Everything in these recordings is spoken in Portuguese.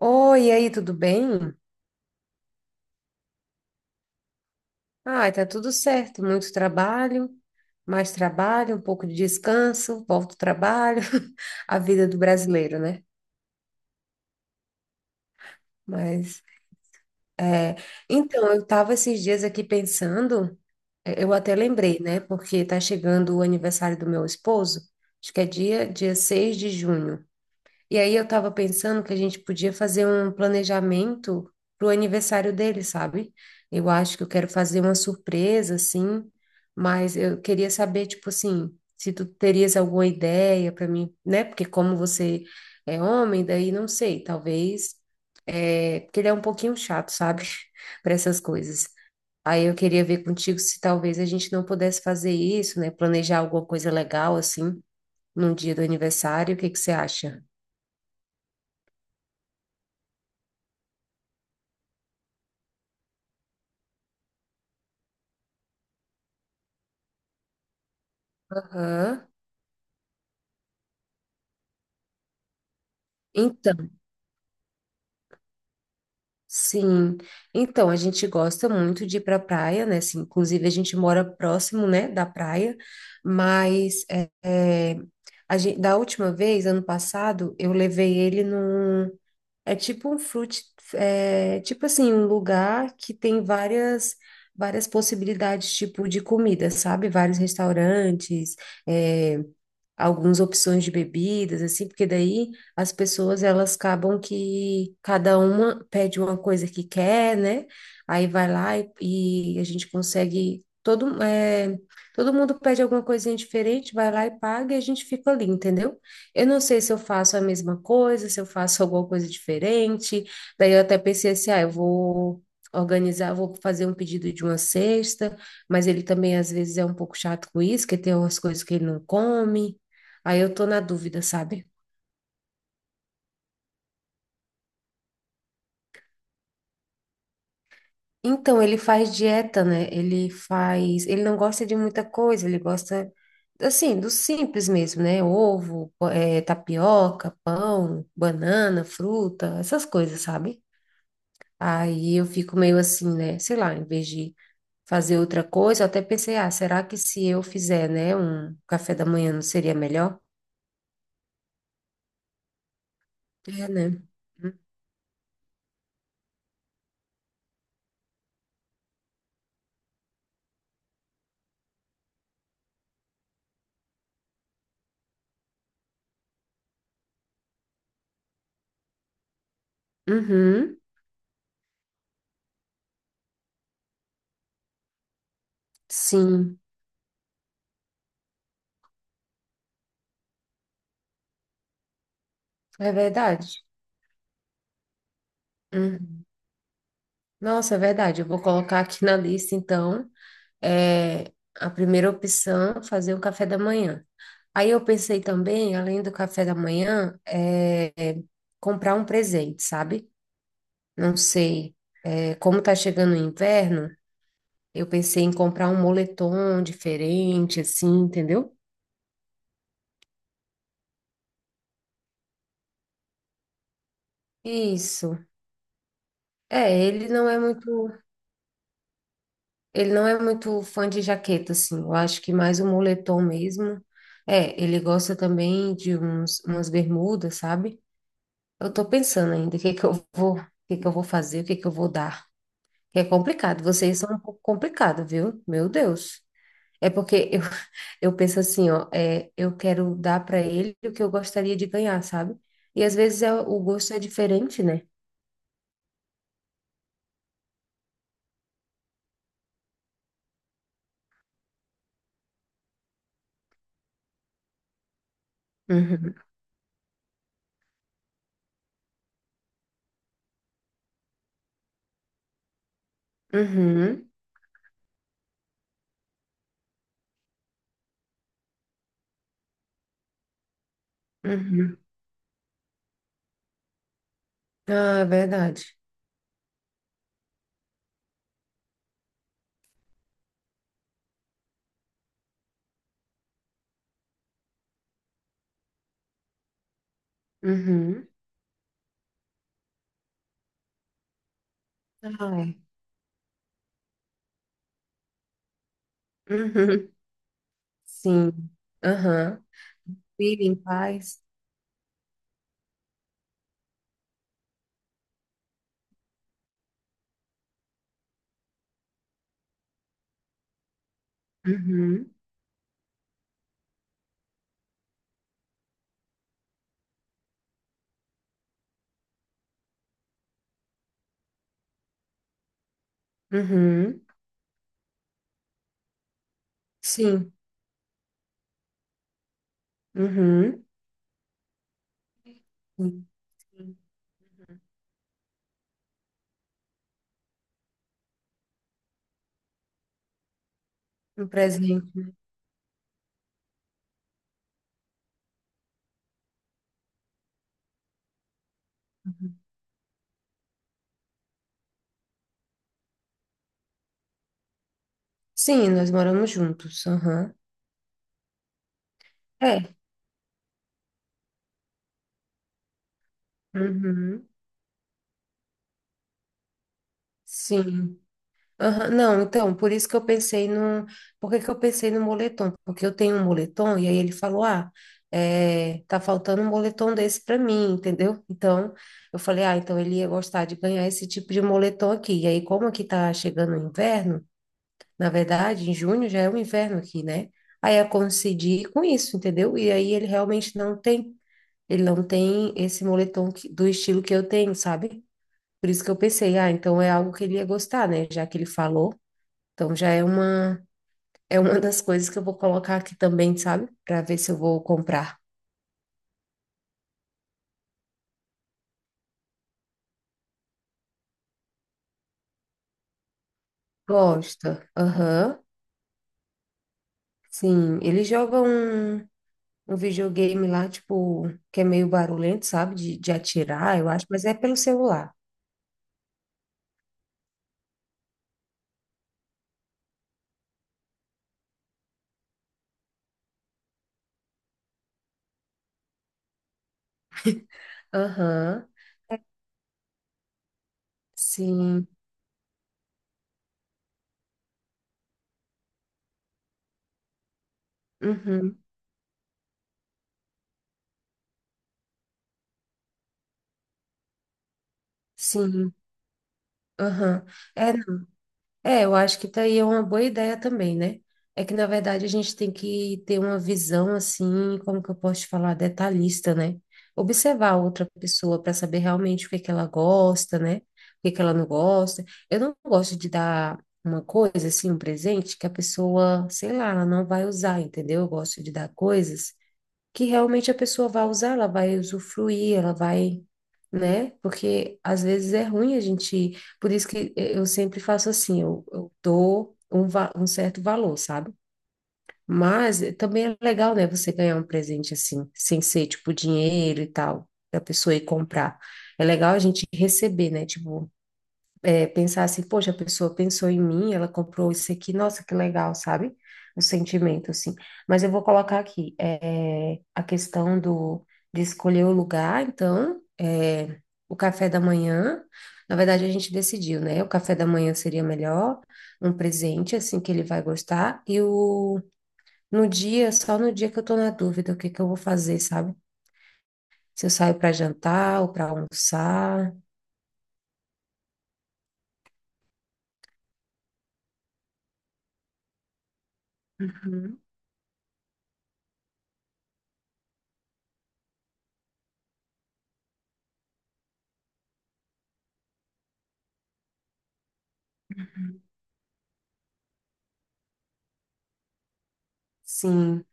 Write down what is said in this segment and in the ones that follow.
Oi, e aí, tudo bem? Ai, tá tudo certo. Muito trabalho, mais trabalho, um pouco de descanso, volta ao trabalho, a vida do brasileiro, né? Mas, é... então, eu tava esses dias aqui pensando, eu até lembrei, né? Porque tá chegando o aniversário do meu esposo, acho que é dia 6 de junho. E aí eu tava pensando que a gente podia fazer um planejamento pro aniversário dele, sabe? Eu acho que eu quero fazer uma surpresa, assim, mas eu queria saber, tipo assim, se tu terias alguma ideia para mim, né? Porque como você é homem, daí não sei, talvez, porque ele é um pouquinho chato, sabe? Para essas coisas. Aí eu queria ver contigo se talvez a gente não pudesse fazer isso, né? Planejar alguma coisa legal, assim, num dia do aniversário, o que que você acha? Aham. Então, sim. Então, a gente gosta muito de ir para praia, né? Assim, inclusive, a gente mora próximo, né, da praia, mas é, a gente, da última vez, ano passado, eu levei ele num. É tipo um fruit, tipo assim, um lugar que tem várias. Várias possibilidades, tipo, de comida, sabe? Vários restaurantes, eh, algumas opções de bebidas, assim, porque daí as pessoas elas acabam que cada uma pede uma coisa que quer, né? Aí vai lá e a gente consegue. Todo mundo pede alguma coisinha diferente, vai lá e paga e a gente fica ali, entendeu? Eu não sei se eu faço a mesma coisa, se eu faço alguma coisa diferente. Daí eu até pensei assim, ah, eu vou organizar, vou fazer um pedido de uma cesta, mas ele também às vezes é um pouco chato com isso, que tem umas coisas que ele não come. Aí eu tô na dúvida, sabe? Então, ele faz dieta, né? Ele faz. Ele não gosta de muita coisa, ele gosta, assim, do simples mesmo, né? Ovo, tapioca, pão, banana, fruta, essas coisas, sabe? Aí eu fico meio assim, né? Sei lá, em vez de fazer outra coisa, eu até pensei, ah, será que se eu fizer, né, um café da manhã não seria melhor? É, né? Uhum, sim, é verdade. Uhum. Nossa, é verdade. Eu vou colocar aqui na lista, então, é, a primeira opção, fazer um café da manhã. Aí eu pensei também, além do café da manhã, comprar um presente, sabe? Não sei, como tá chegando o inverno, eu pensei em comprar um moletom diferente, assim, entendeu? Isso. É, ele não é muito. Ele não é muito fã de jaqueta, assim. Eu acho que mais o moletom mesmo. É, ele gosta também de uns, umas bermudas, sabe? Eu tô pensando ainda o que que eu vou fazer, o que que eu vou dar. É complicado, vocês são um pouco complicado, viu? Meu Deus. É porque eu, eu penso assim, ó, eu quero dar para ele o que eu gostaria de ganhar, sabe? E às vezes o gosto é diferente, né? Uhum. Uhum. Uhum. Ah, é verdade. Uhum. Ah, é. Uhum. Sim. Aham. Vive em paz. Uhum. Uhum. Sim. Uhum. Sim. Sim. Uhum. Um presente. Uhum. Sim, nós moramos juntos. Aham. É. Uhum. Sim. Aham, não, então, por isso que eu pensei no. Por que que eu pensei no moletom? Porque eu tenho um moletom e aí ele falou: ah, tá faltando um moletom desse para mim, entendeu? Então, eu falei: ah, então ele ia gostar de ganhar esse tipo de moletom aqui. E aí, como aqui tá chegando o inverno, na verdade, em junho já é o inverno aqui, né? Aí eu coincidi com isso, entendeu? E aí ele realmente não tem. Ele não tem esse moletom que- do estilo que eu tenho, sabe? Por isso que eu pensei: ah, então é algo que ele ia gostar, né? Já que ele falou. Então já é uma das coisas que eu vou colocar aqui também, sabe? Para ver se eu vou comprar. Gosta. Aham. Sim, ele joga um videogame lá, tipo, que é meio barulhento, sabe? De atirar, eu acho, mas é pelo celular. Aham. Sim. Uhum. Sim. Aham. É, é, eu acho que tá aí é uma boa ideia também, né? É que, na verdade, a gente tem que ter uma visão, assim, como que eu posso te falar, detalhista, né? Observar a outra pessoa para saber realmente o que é que ela gosta, né? O que é que ela não gosta. Eu não gosto de dar uma coisa, assim, um presente que a pessoa, sei lá, ela não vai usar, entendeu? Eu gosto de dar coisas que realmente a pessoa vai usar, ela vai usufruir, ela vai, né? Porque às vezes é ruim a gente. Por isso que eu sempre faço assim, eu dou um certo valor, sabe? Mas também é legal, né, você ganhar um presente assim, sem ser tipo dinheiro e tal, da pessoa ir comprar. É legal a gente receber, né? Tipo, pensar assim, poxa, a pessoa pensou em mim, ela comprou isso aqui, nossa, que legal, sabe? O sentimento, assim. Mas eu vou colocar aqui, a questão do, de escolher o lugar, então, o café da manhã, na verdade a gente decidiu, né? O café da manhã seria melhor, um presente, assim, que ele vai gostar, e o, só no dia que eu tô na dúvida, o que que eu vou fazer, sabe? Se eu saio para jantar ou para almoçar. Uhum. Sim.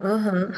Aham.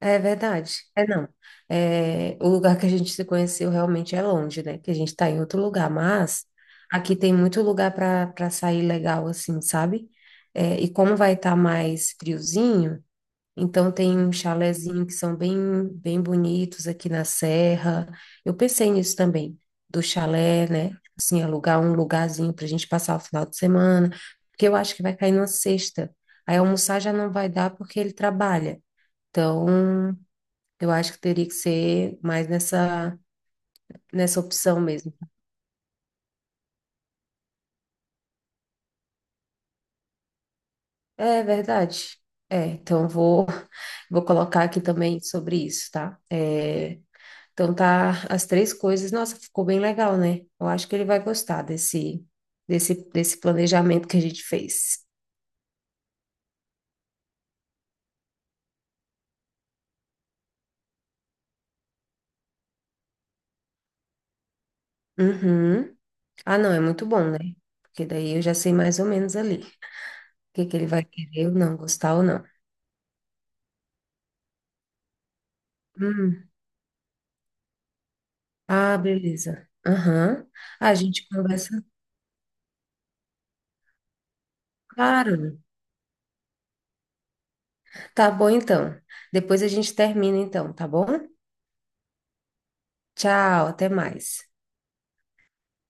É verdade. É não. É, o lugar que a gente se conheceu realmente é longe, né? Que a gente está em outro lugar, mas aqui tem muito lugar para sair legal, assim, sabe? É, e como vai estar mais friozinho, então tem um chalezinho que são bem bem bonitos aqui na serra. Eu pensei nisso também, do chalé, né? Assim, alugar um lugarzinho para a gente passar o final de semana, porque eu acho que vai cair na sexta. Aí almoçar já não vai dar porque ele trabalha. Então, eu acho que teria que ser mais nessa opção mesmo. É verdade. É, então eu vou, vou colocar aqui também sobre isso, tá? Então tá as três coisas. Nossa, ficou bem legal, né? Eu acho que ele vai gostar desse planejamento que a gente fez. Uhum. Ah, não, é muito bom, né? Porque daí eu já sei mais ou menos ali o que que ele vai querer ou não, gostar ou não. Hum. Ah, beleza. Aham. Ah, a gente conversa, claro. Tá bom então. Depois a gente termina então, tá bom? Tchau, até mais.